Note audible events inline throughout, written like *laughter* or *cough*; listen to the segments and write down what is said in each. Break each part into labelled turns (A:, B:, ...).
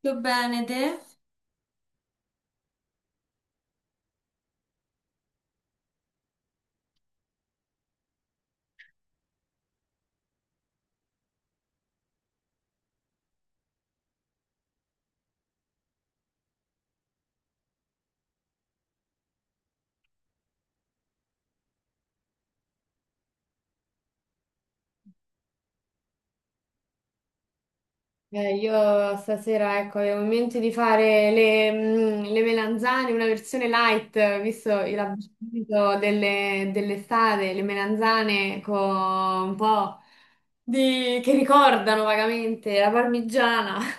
A: Tutto bene, te? Io stasera, ecco, avevo in mente di fare le melanzane, una versione light, visto l'abbinamento delle, dell'estate, le melanzane con un po' di... che ricordano vagamente la parmigiana, *laughs*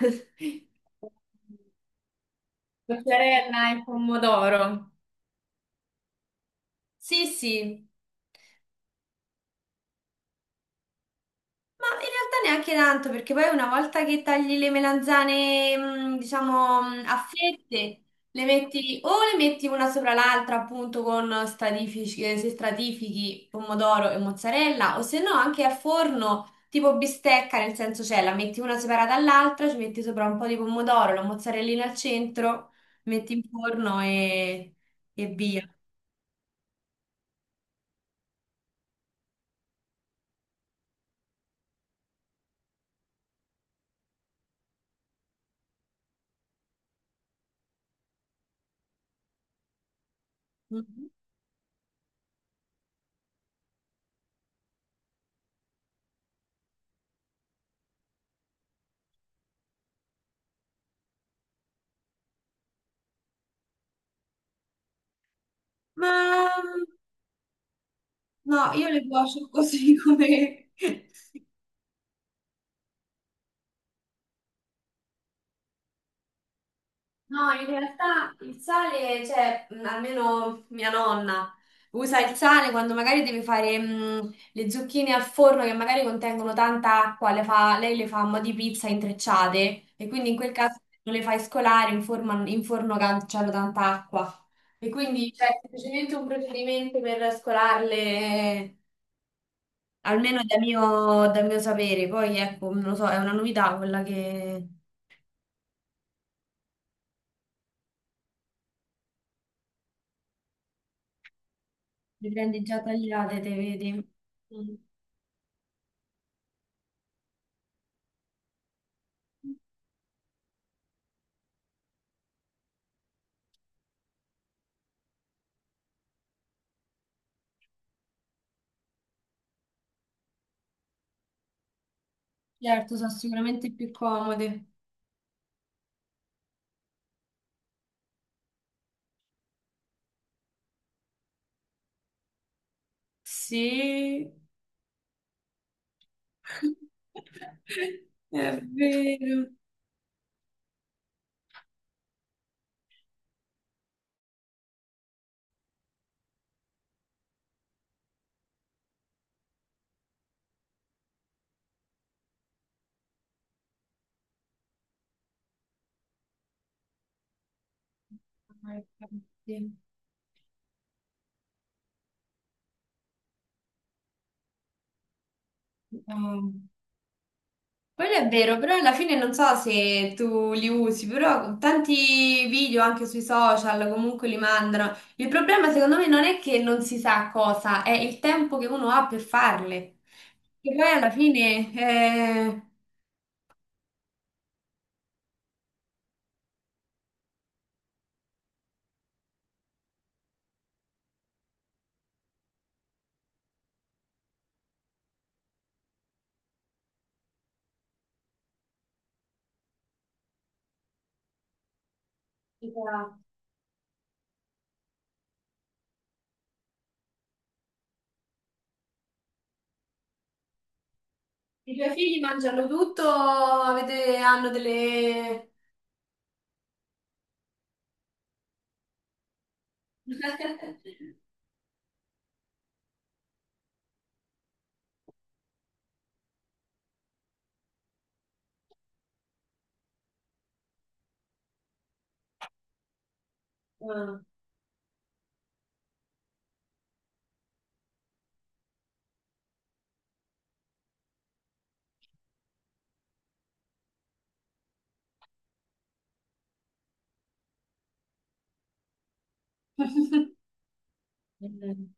A: mozzarella e pomodoro. Sì, sì. Ma in realtà neanche tanto, perché poi una volta che tagli le melanzane, diciamo, a fette, le metti o le metti una sopra l'altra, appunto, con stratifici, se stratifichi pomodoro e mozzarella, o se no anche al forno, tipo bistecca, nel senso cioè la metti una separata dall'altra, ci metti sopra un po' di pomodoro, la mozzarellina al centro, metti in forno e via. Mhm. Ma mm, no, io le cuocio così *laughs* come... No, in realtà il sale, cioè, almeno mia nonna usa il sale quando magari deve fare le zucchine al forno che magari contengono tanta acqua, le fa- lei le fa a mo' di pizza intrecciate e quindi in quel caso non le fai scolare in, forma- in forno che c'hanno tanta acqua. E quindi c'è semplicemente un procedimento per scolarle, almeno da mio, dal mio sapere. Poi ecco, non lo so, è una novità quella che le prendi già tagliate, te vedi. Mm. Certo, sono sicuramente più comode. Sì, *laughs* è vero. Sì. Um, Quello è vero, però alla fine non so se tu li usi, però tanti video anche sui social comunque li mandano. Il problema secondo me non è che non si sa cosa, è il tempo che uno ha per farle. E poi alla fine i tuoi figli mangiano tutto, avete- hanno delle... Ah. *laughs* Mm.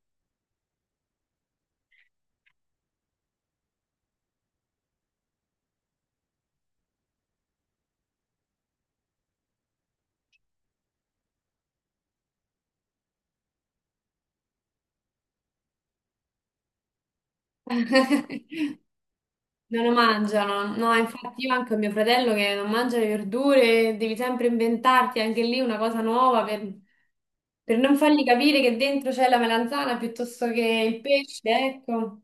A: Non lo mangiano, no, infatti io anche ho mio fratello che non mangia le verdure, devi sempre inventarti anche lì una cosa nuova per non fargli capire che dentro c'è la melanzana piuttosto che il pesce, ecco.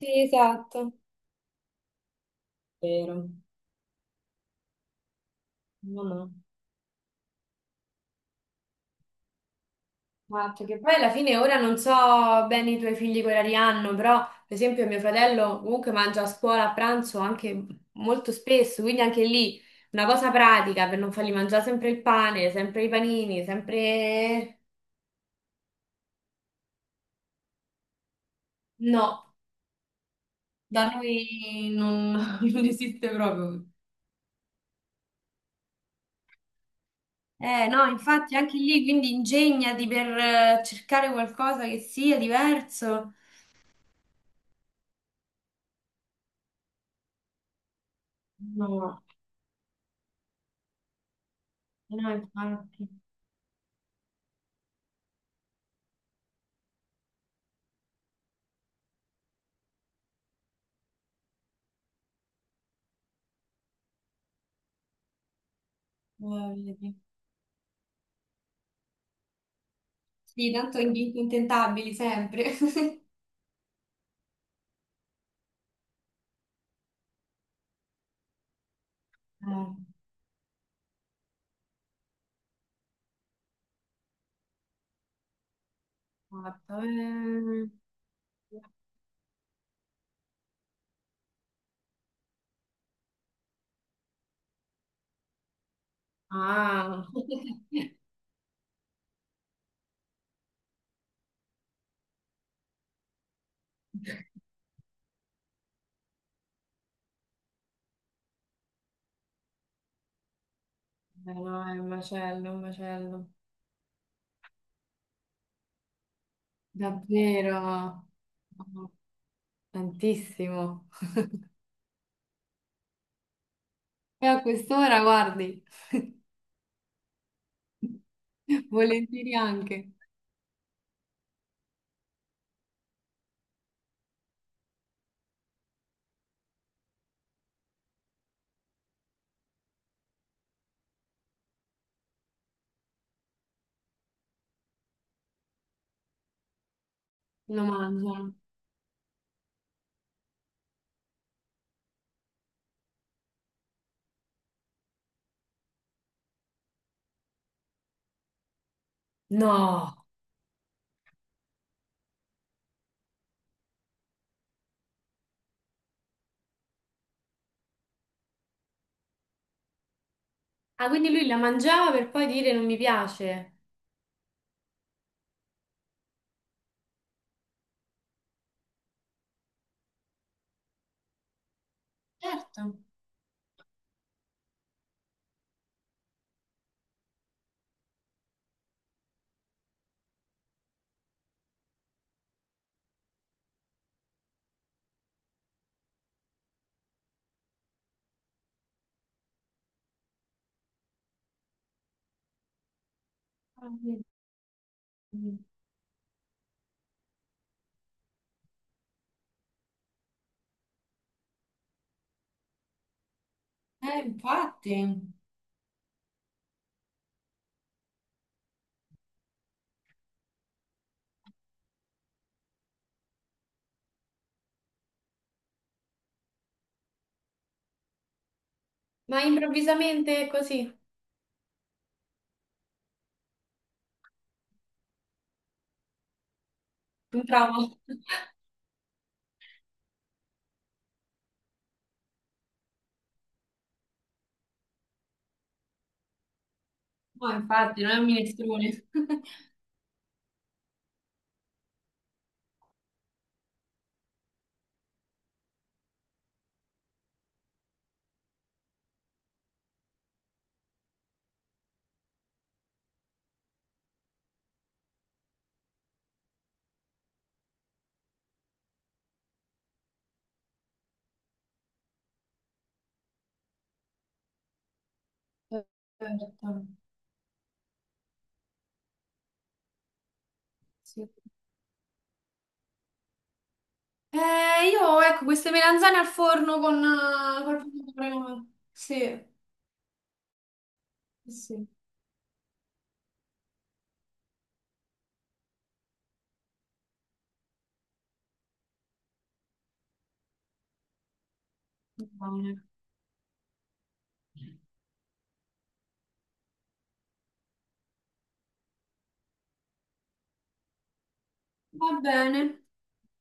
A: Sì, esatto. Vero. No, no. Esatto, che poi alla fine ora non so bene i tuoi figli che orari hanno, però per esempio mio fratello comunque mangia a scuola a pranzo anche molto spesso, quindi anche lì una cosa pratica per non fargli mangiare sempre il pane, sempre i panini, sempre... No, da noi non, *laughs* non esiste proprio. Eh no, infatti anche lì quindi ingegnati per cercare qualcosa che sia diverso. No, no, infatti. Eh, Sì, tanto in- intentabili sempre. *laughs* Eh, guarda, eh. Ah, *laughs* no, è un macello, un macello. Davvero, no, tantissimo. E a quest'ora, guardi, *laughs* volentieri anche lo mangiano. No. Ah, quindi lui la mangiava per poi dire non mi piace. Certo. Ah, vedi. Infatti. Ma improvvisamente così. Un trauma. No, infatti, non è un minestrone. *laughs* Eh, sì. Io, ecco, queste melanzane al forno con col pomodoro. Sì, sì. Va bene. Va bene.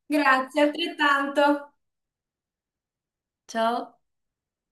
A: Grazie, altrettanto. Ciao.